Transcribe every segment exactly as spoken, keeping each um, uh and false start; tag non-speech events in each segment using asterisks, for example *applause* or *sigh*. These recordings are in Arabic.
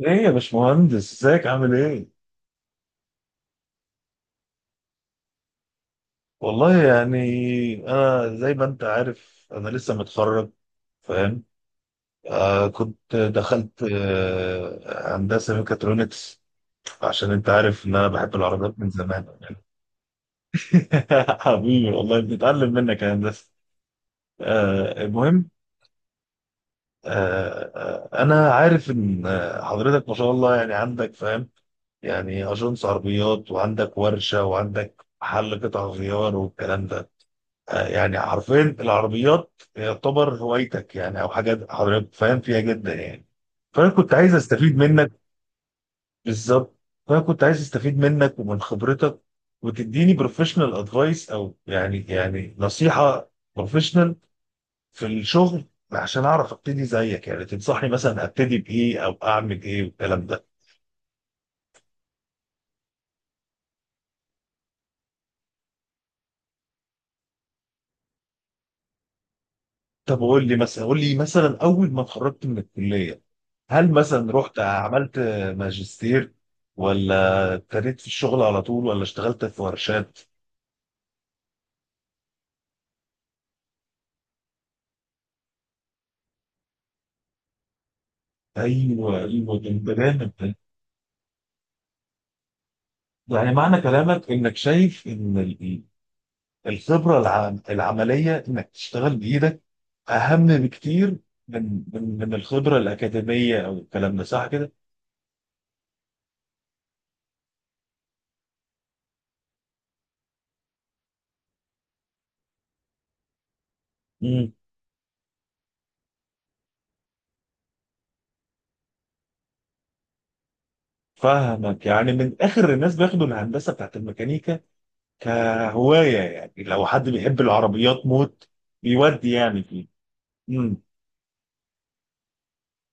ايه يا باشمهندس، ازيك عامل ايه؟ والله يعني، انا زي ما انت عارف انا لسه متخرج، فاهم؟ آه، كنت دخلت آه هندسه ميكاترونكس. عشان انت عارف ان انا بحب العربيات من زمان يعني. *laughs* حبيبي والله بنتعلم منك يا هندسه. آه، المهم. آه آه، انا عارف ان آه، حضرتك ما شاء الله، يعني عندك، فاهم؟ يعني اجنس عربيات، وعندك ورشه، وعندك محل قطع غيار والكلام ده. آه، يعني حرفيا العربيات يعتبر هوايتك، يعني او حاجه حضرتك فاهم فيها جدا يعني. فانا كنت عايز استفيد منك. بالظبط. فانا كنت عايز استفيد منك ومن خبرتك، وتديني بروفيشنال ادفايس، او يعني يعني نصيحه بروفيشنال في الشغل، عشان اعرف ابتدي زيك، يعني تنصحني مثلا ابتدي بايه او اعمل ايه والكلام ده. طب قول لي مثلا قول لي مثلا اول ما اتخرجت من الكليه، هل مثلا رحت عملت ماجستير، ولا ابتديت في الشغل على طول، ولا اشتغلت في ورشات؟ ايوه، ايوه، البرنامج ده. يعني معنى كلامك انك شايف ان ال- الخبره الع- العمليه انك تشتغل بايدك اهم بكتير من من من الخبره الاكاديميه او الكلام ده، صح كده؟ امم. فاهمك، يعني من اخر الناس بياخدوا الهندسه بتاعت الميكانيكا كهوايه، يعني لو حد بيحب العربيات موت بيودي يعني فيه.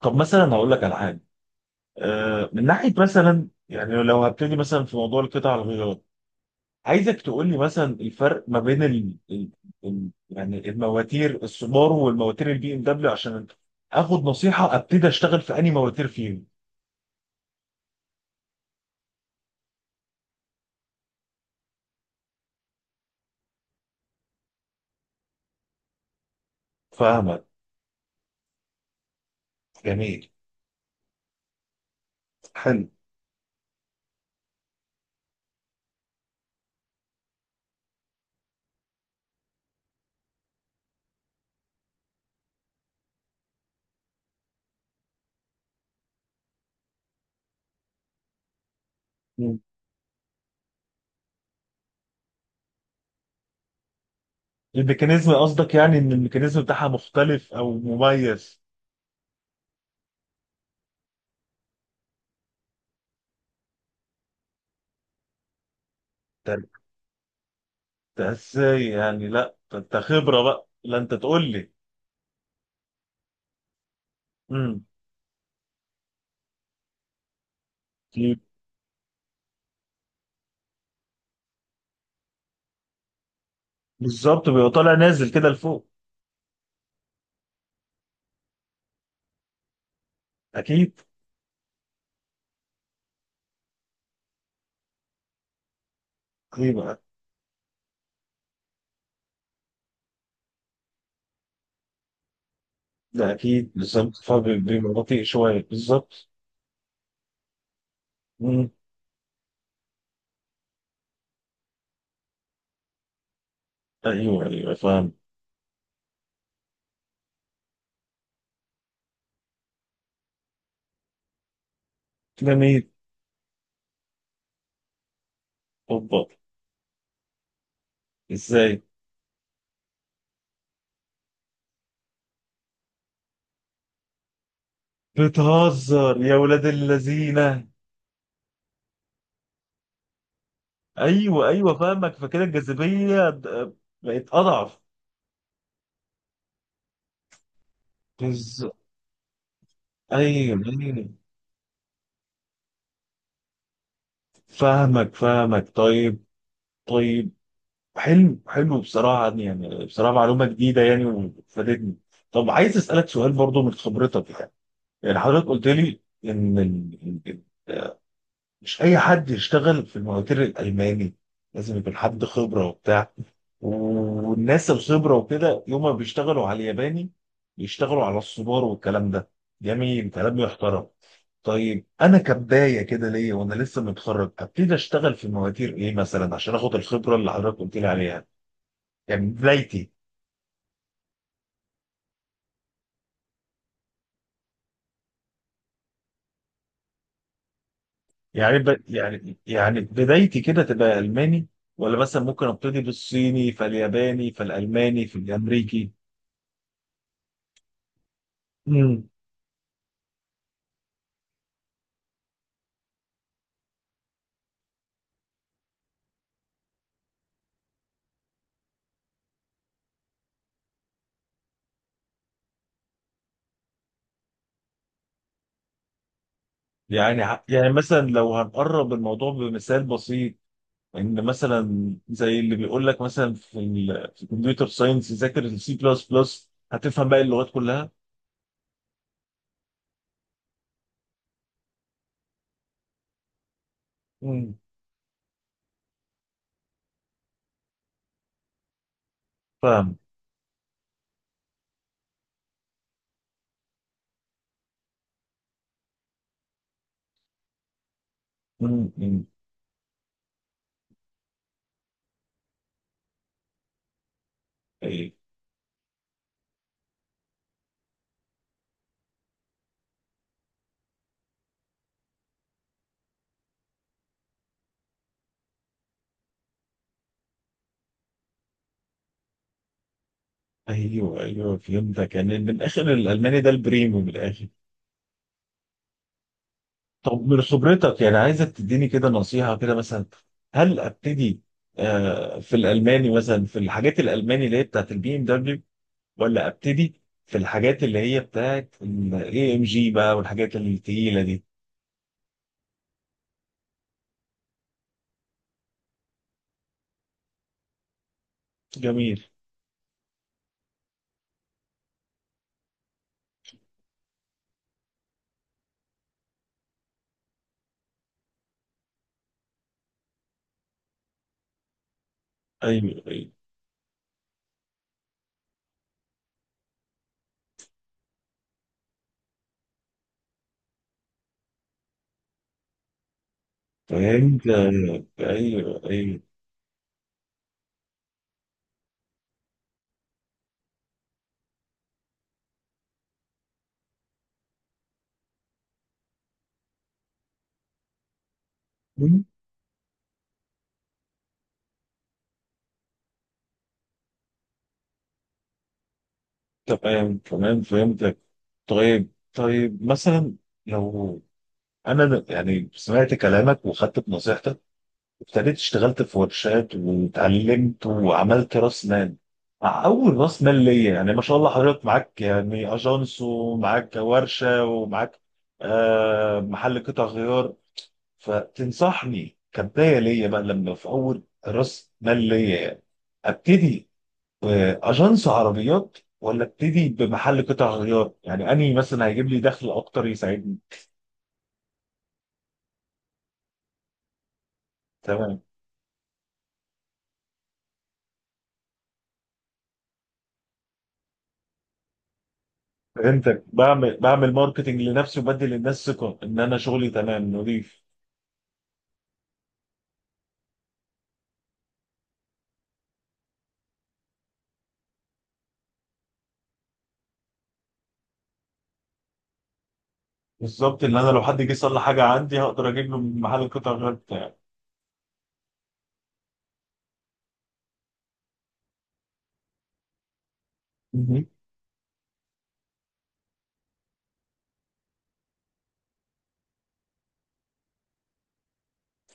طب مثلا هقول لك على حاجه. آه، من ناحيه مثلا، يعني لو هبتدي مثلا في موضوع القطع الغيار، عايزك تقول لي مثلا الفرق ما بين ال... ال... ال... يعني المواتير السوبارو والمواتير البي ام دبليو، عشان اخد نصيحه ابتدي اشتغل في انهي مواتير فيهم. فاهمك. جميل. حلو. مم. الميكانيزم قصدك؟ يعني ان الميكانيزم بتاعها مختلف او مميز؟ طب ده ازاي يعني؟ لا ده انت خبره بقى، لا انت تقول لي. امم. بالظبط، بيبقى طالع نازل كده لفوق. اكيد. اكيد بقى. ده اكيد بالظبط، فبيبقى بطيء شويه بالظبط. مم. ايوه، ايوه، فاهم. جميل. اوبا. ازاي؟ بتهزر يا ولاد اللذينه؟ ايوه، ايوه، فاهمك، فكده الجاذبيه د- بقت اضعف. بز... ايوه، ايوه، فاهمك، فاهمك، طيب، طيب. حلو، حلو، بصراحه يعني يعني بصراحه معلومه جديده يعني وفادتني. طب عايز اسالك سؤال برضو من خبرتك، يعني يعني حضرتك قلت لي ان ال- مش اي حد يشتغل في المواتير الالماني، لازم يكون حد خبره وبتاع. والناس الخبره وكده يوم ما بيشتغلوا على الياباني، بيشتغلوا على الصبار والكلام ده. جميل، كلام يحترم. طيب، انا كبدايه كده ليا وانا لسه متخرج، ابتدي اشتغل في مواتير ايه مثلا عشان اخد الخبره اللي حضرتك قلت لي عليها؟ يعني بدايتي. يعني ب... يعني يعني بدايتي كده تبقى الماني، ولا مثلا ممكن ابتدي بالصيني فالياباني فالالماني فالامريكي؟ يعني ع- يعني مثلا لو هنقرب الموضوع بمثال بسيط، ان مثلا زي اللي بيقول لك مثلا في ال- في الكمبيوتر ساينس ذاكر السي بلس بلس هتفهم باقي اللغات كلها. مم. فاهم. مم. مم. أي- ايوه، ايوه، فهمتك، يعني من الاخر الالماني ده البريمو من الاخر. طب من خبرتك، يعني عايزك تديني كده نصيحه كده مثلا، هل ابتدي آه، في الالماني مثلا في الحاجات الالماني اللي هي بتاعت البي ام دبليو، ولا ابتدي في الحاجات اللي هي بتاعت الاي ام جي بقى والحاجات التقيله دي؟ جميل. ايوه، ايوه، فهمت. ايوه، ايوه. مم. تمام، تمام، فهمتك. طيب، طيب، مثلا، لو انا د- يعني سمعت كلامك وخدت بنصيحتك، ابتديت اشتغلت في ورشات واتعلمت وعملت راس مال. مع اول راس مال ليا، يعني ما شاء الله، حضرتك معاك يعني اجانس ومعاك ورشه ومعاك آه محل قطع غيار. فتنصحني كبدايه ليا بقى لما في اول راس مال ليا يعني، ابتدي باجانس عربيات، ولا ابتدي بمحل قطع غيار؟ يعني انهي مثلا هيجيب لي دخل اكتر يساعدني؟ تمام، فهمتك. بعمل بعمل ماركتنج لنفسي، وبدي للناس ثقه ان انا شغلي تمام نظيف. بالظبط، ان انا لو حد جه يصلح حاجه عندي هقدر اجيب له من محل القطع غير بتاعي. مهم.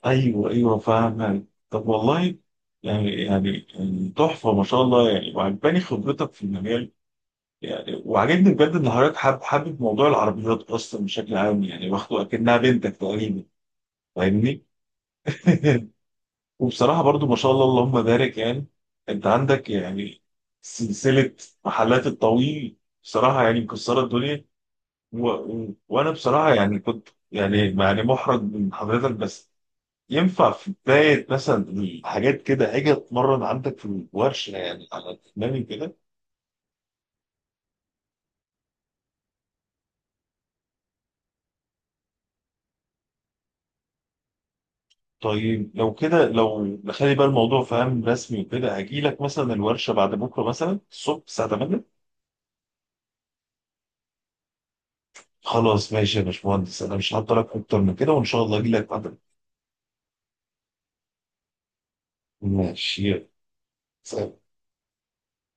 ايوه، ايوه، فاهم، يعني طب والله، يعني يعني يعني تحفه ما شاء الله، يعني وعجباني خبرتك في المجال، يعني وعجبني بجد ان حضرتك حابب حابب موضوع العربيات اصلا بشكل عام، يعني واخده اكنها بنتك تقريبا، فاهمني؟ *laughs* وبصراحة برضو ما شاء الله اللهم بارك، يعني انت عندك يعني سلسلة محلات الطويل، بصراحة يعني مكسرة الدنيا. و... و... وانا بصراحة يعني كنت يعني، يعني محرج من حضرتك، بس ينفع في بداية مثلا الحاجات كده اجي اتمرن عندك في الورشة يعني على دماغي كده؟ طيب لو كده، لو نخلي بقى الموضوع فاهم رسمي وكده، هجي لك مثلا الورشة بعد بكرة مثلا الصبح الساعة تمانية. خلاص ماشي يا باشمهندس، انا مش هعطلك اكتر من كده، وان شاء الله اجي لك بعد. ماشي، يلا، سلام.